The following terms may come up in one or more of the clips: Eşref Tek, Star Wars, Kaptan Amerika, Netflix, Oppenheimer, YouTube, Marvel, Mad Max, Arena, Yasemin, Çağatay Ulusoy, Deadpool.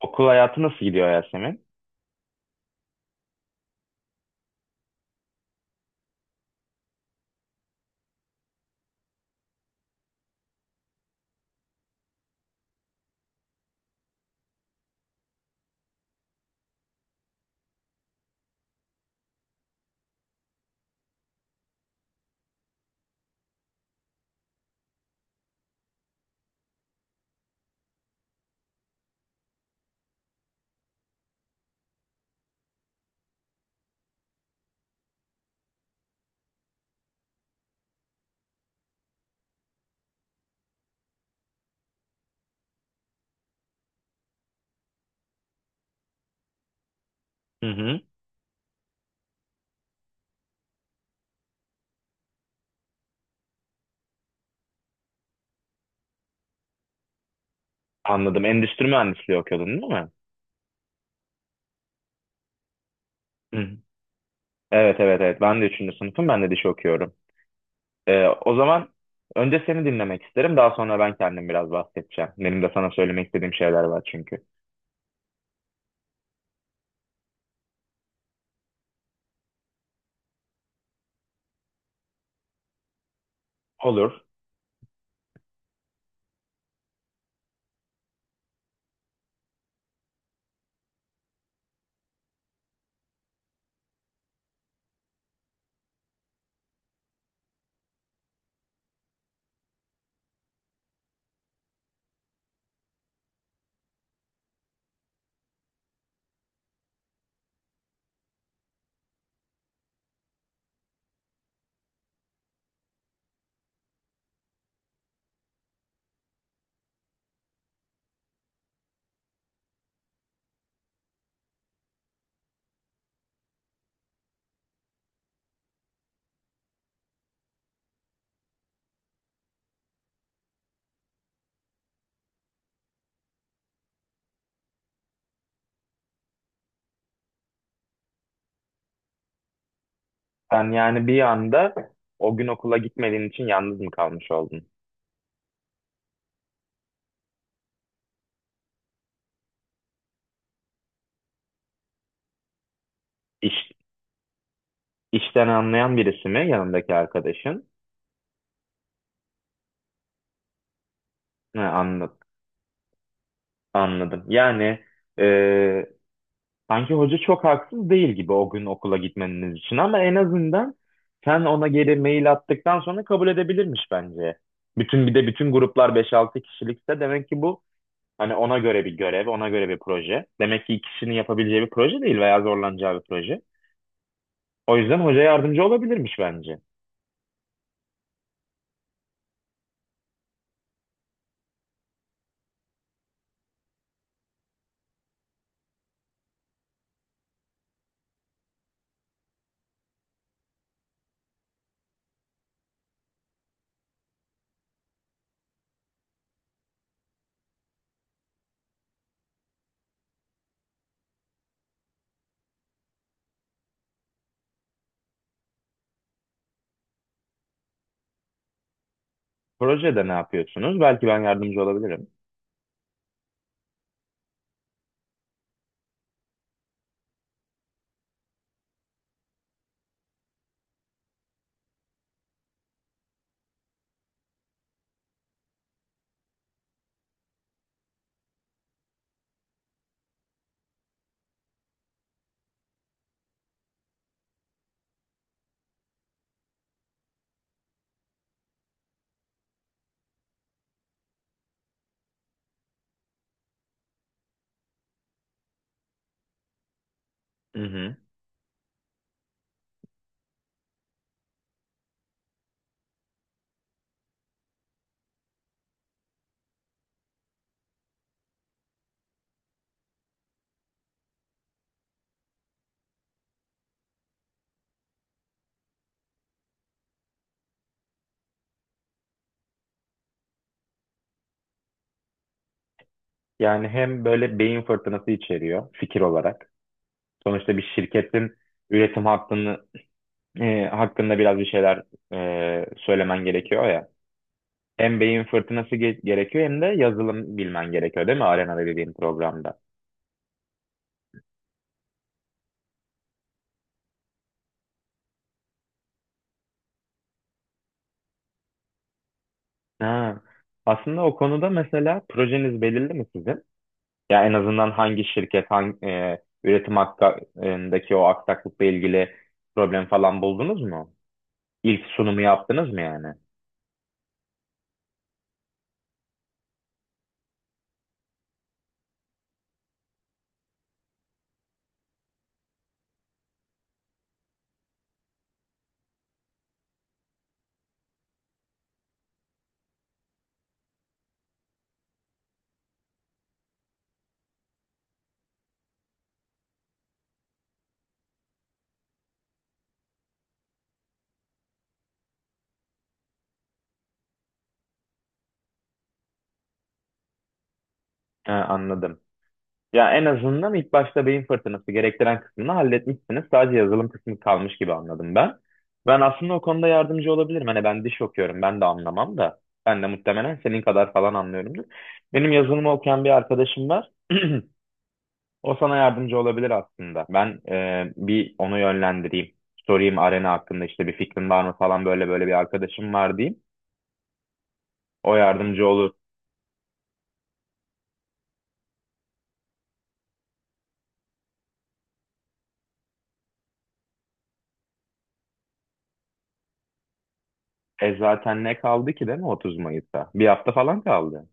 Okul hayatı nasıl gidiyor Yasemin? Hı hı. Anladım. Endüstri mühendisliği okuyordun değil mi? Hı hı. Evet, evet, evet. Ben de 3. sınıfım. Ben de dişi okuyorum. O zaman önce seni dinlemek isterim. Daha sonra ben kendim biraz bahsedeceğim. Benim de sana söylemek istediğim şeyler var çünkü. Olur. Sen yani bir anda o gün okula gitmediğin için yalnız mı kalmış oldun? İş, işten anlayan birisi mi yanındaki arkadaşın? Ha, anladım. Anladım. E, Sanki hoca çok haksız değil gibi o gün okula gitmeniz için, ama en azından sen ona geri mail attıktan sonra kabul edebilirmiş bence. Bütün bir de Bütün gruplar beş altı kişilikse, demek ki bu hani ona göre bir görev, ona göre bir proje. Demek ki iki kişinin yapabileceği bir proje değil veya zorlanacağı bir proje. O yüzden hoca yardımcı olabilirmiş bence. Projede ne yapıyorsunuz? Belki ben yardımcı olabilirim. Hı hı. Yani hem böyle beyin fırtınası içeriyor fikir olarak. Sonuçta bir şirketin üretim hattını hakkında biraz bir şeyler söylemen gerekiyor ya. Hem beyin fırtınası gerekiyor, hem de yazılım bilmen gerekiyor değil mi? Arena'da, dediğim programda. Ha. Aslında o konuda, mesela projeniz belirli mi sizin? Ya en azından hangi şirket, hangi üretim hakkındaki o aksaklıkla ilgili problem falan buldunuz mu? İlk sunumu yaptınız mı yani? Ha, anladım. Ya en azından ilk başta beyin fırtınası gerektiren kısmını halletmişsiniz. Sadece yazılım kısmı kalmış gibi anladım ben. Ben aslında o konuda yardımcı olabilirim. Hani ben diş okuyorum, ben de anlamam da. Ben de muhtemelen senin kadar falan anlıyorumdur. Benim yazılımı okuyan bir arkadaşım var. O sana yardımcı olabilir aslında. Ben bir onu yönlendireyim. Sorayım arena hakkında, işte bir fikrin var mı falan, böyle böyle bir arkadaşım var diyeyim. O yardımcı olur. E zaten ne kaldı ki değil mi 30 Mayıs'a? Bir hafta falan kaldı.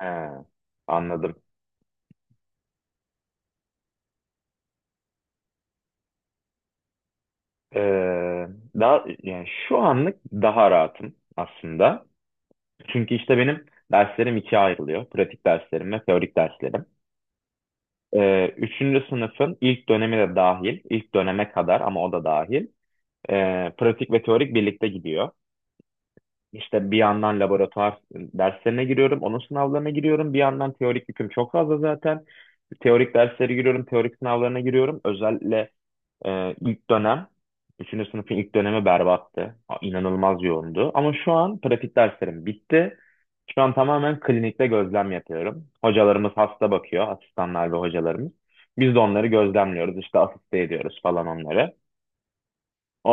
He, anladım. Ee, Daha yani şu anlık daha rahatım aslında. Çünkü işte benim derslerim ikiye ayrılıyor. Pratik derslerim ve teorik derslerim. Üçüncü sınıfın ilk dönemi de dahil, ilk döneme kadar ama o da dahil, pratik ve teorik birlikte gidiyor. İşte bir yandan laboratuvar derslerine giriyorum, onun sınavlarına giriyorum. Bir yandan teorik yüküm çok fazla zaten. Teorik derslere giriyorum, teorik sınavlarına giriyorum. Özel Ee, ilk dönem, üçüncü sınıfın ilk dönemi berbattı. İnanılmaz yoğundu. Ama şu an pratik derslerim bitti. Şu an tamamen klinikte gözlem yapıyorum. Hocalarımız hasta bakıyor, asistanlar ve hocalarımız. Biz de onları gözlemliyoruz, işte asiste ediyoruz falan onları. O,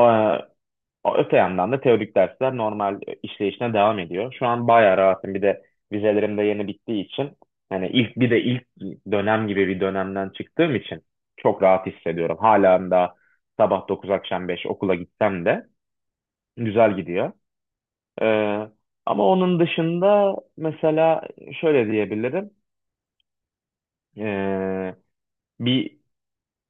Öte yandan da teorik dersler normal işleyişine devam ediyor. Şu an bayağı rahatım. Bir de vizelerim de yeni bittiği için, ilk dönem gibi bir dönemden çıktığım için çok rahat hissediyorum. Hala da sabah 9 akşam 5 okula gitsem de güzel gidiyor. Ee, Ama onun dışında mesela şöyle diyebilirim. Ee, bir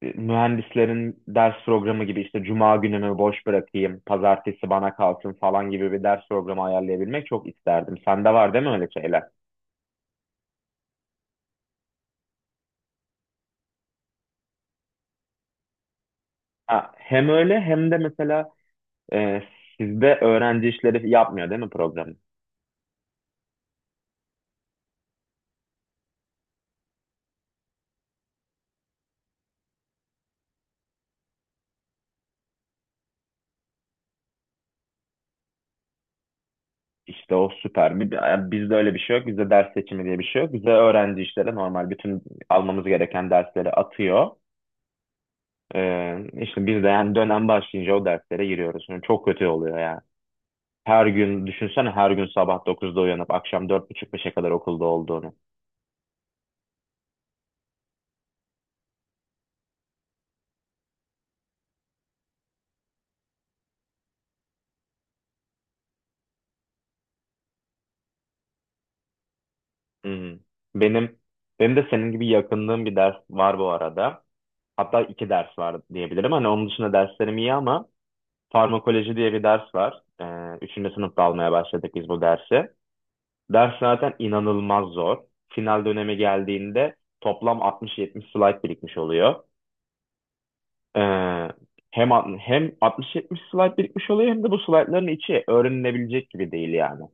Mühendislerin ders programı gibi, işte cuma günümü boş bırakayım, pazartesi bana kalsın falan gibi bir ders programı ayarlayabilmek çok isterdim. Sende var değil mi öyle şeyler? Ha, hem öyle hem de mesela e, sizde öğrenci işleri yapmıyor değil mi programı? İşte o süper. Bizde öyle bir şey yok. Bizde ders seçimi diye bir şey yok. Bizde öğrenci işleri normal bütün almamız gereken dersleri atıyor. İşte biz de yani dönem başlayınca o derslere giriyoruz. Yani çok kötü oluyor yani. Her gün düşünsene, her gün sabah dokuzda uyanıp akşam dört buçuk beşe kadar okulda olduğunu. Hı hı. Benim benim de senin gibi yakındığım bir ders var bu arada. Hatta iki ders var diyebilirim. Hani onun dışında derslerim iyi, ama farmakoloji diye bir ders var. Üçüncü sınıfta almaya başladık biz bu dersi. Ders zaten inanılmaz zor. Final dönemi geldiğinde toplam altmış 70 slide birikmiş oluyor. Ee, hem hem 60-70 slide birikmiş oluyor, hem de bu slaytların içi öğrenilebilecek gibi değil yani.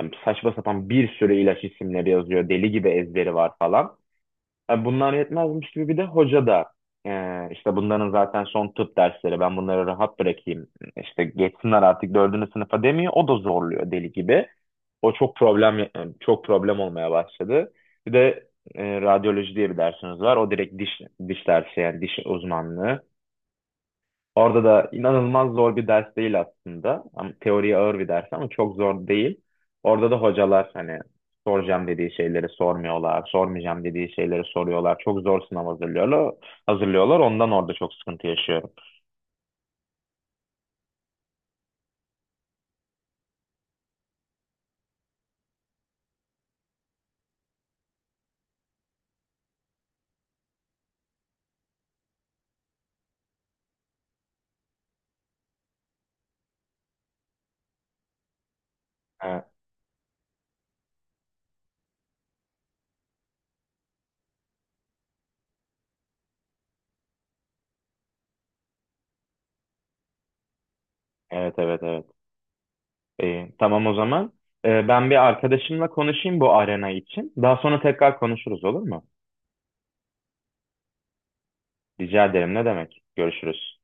Yani saçma sapan bir sürü ilaç isimleri yazıyor. Deli gibi ezberi var falan. Yani bunlar yetmezmiş gibi bir de hoca da işte bunların zaten son tıp dersleri, ben bunları rahat bırakayım, işte geçsinler artık dördüncü sınıfa demiyor. O da zorluyor deli gibi. O çok problem e, Çok problem olmaya başladı. Bir de radyoloji diye bir dersimiz var. O direkt diş dersi, yani diş uzmanlığı. Orada da inanılmaz zor bir ders değil aslında. Ama teoriye ağır bir ders, ama çok zor değil. Orada da hocalar hani soracağım dediği şeyleri sormuyorlar, sormayacağım dediği şeyleri soruyorlar. Çok zor sınav hazırlıyorlar. Ondan orada çok sıkıntı yaşıyorum. Ha, evet, evet, evet. İyi, tamam o zaman. Ben bir arkadaşımla konuşayım bu arena için. Daha sonra tekrar konuşuruz, olur mu? Rica ederim. Ne demek? Görüşürüz.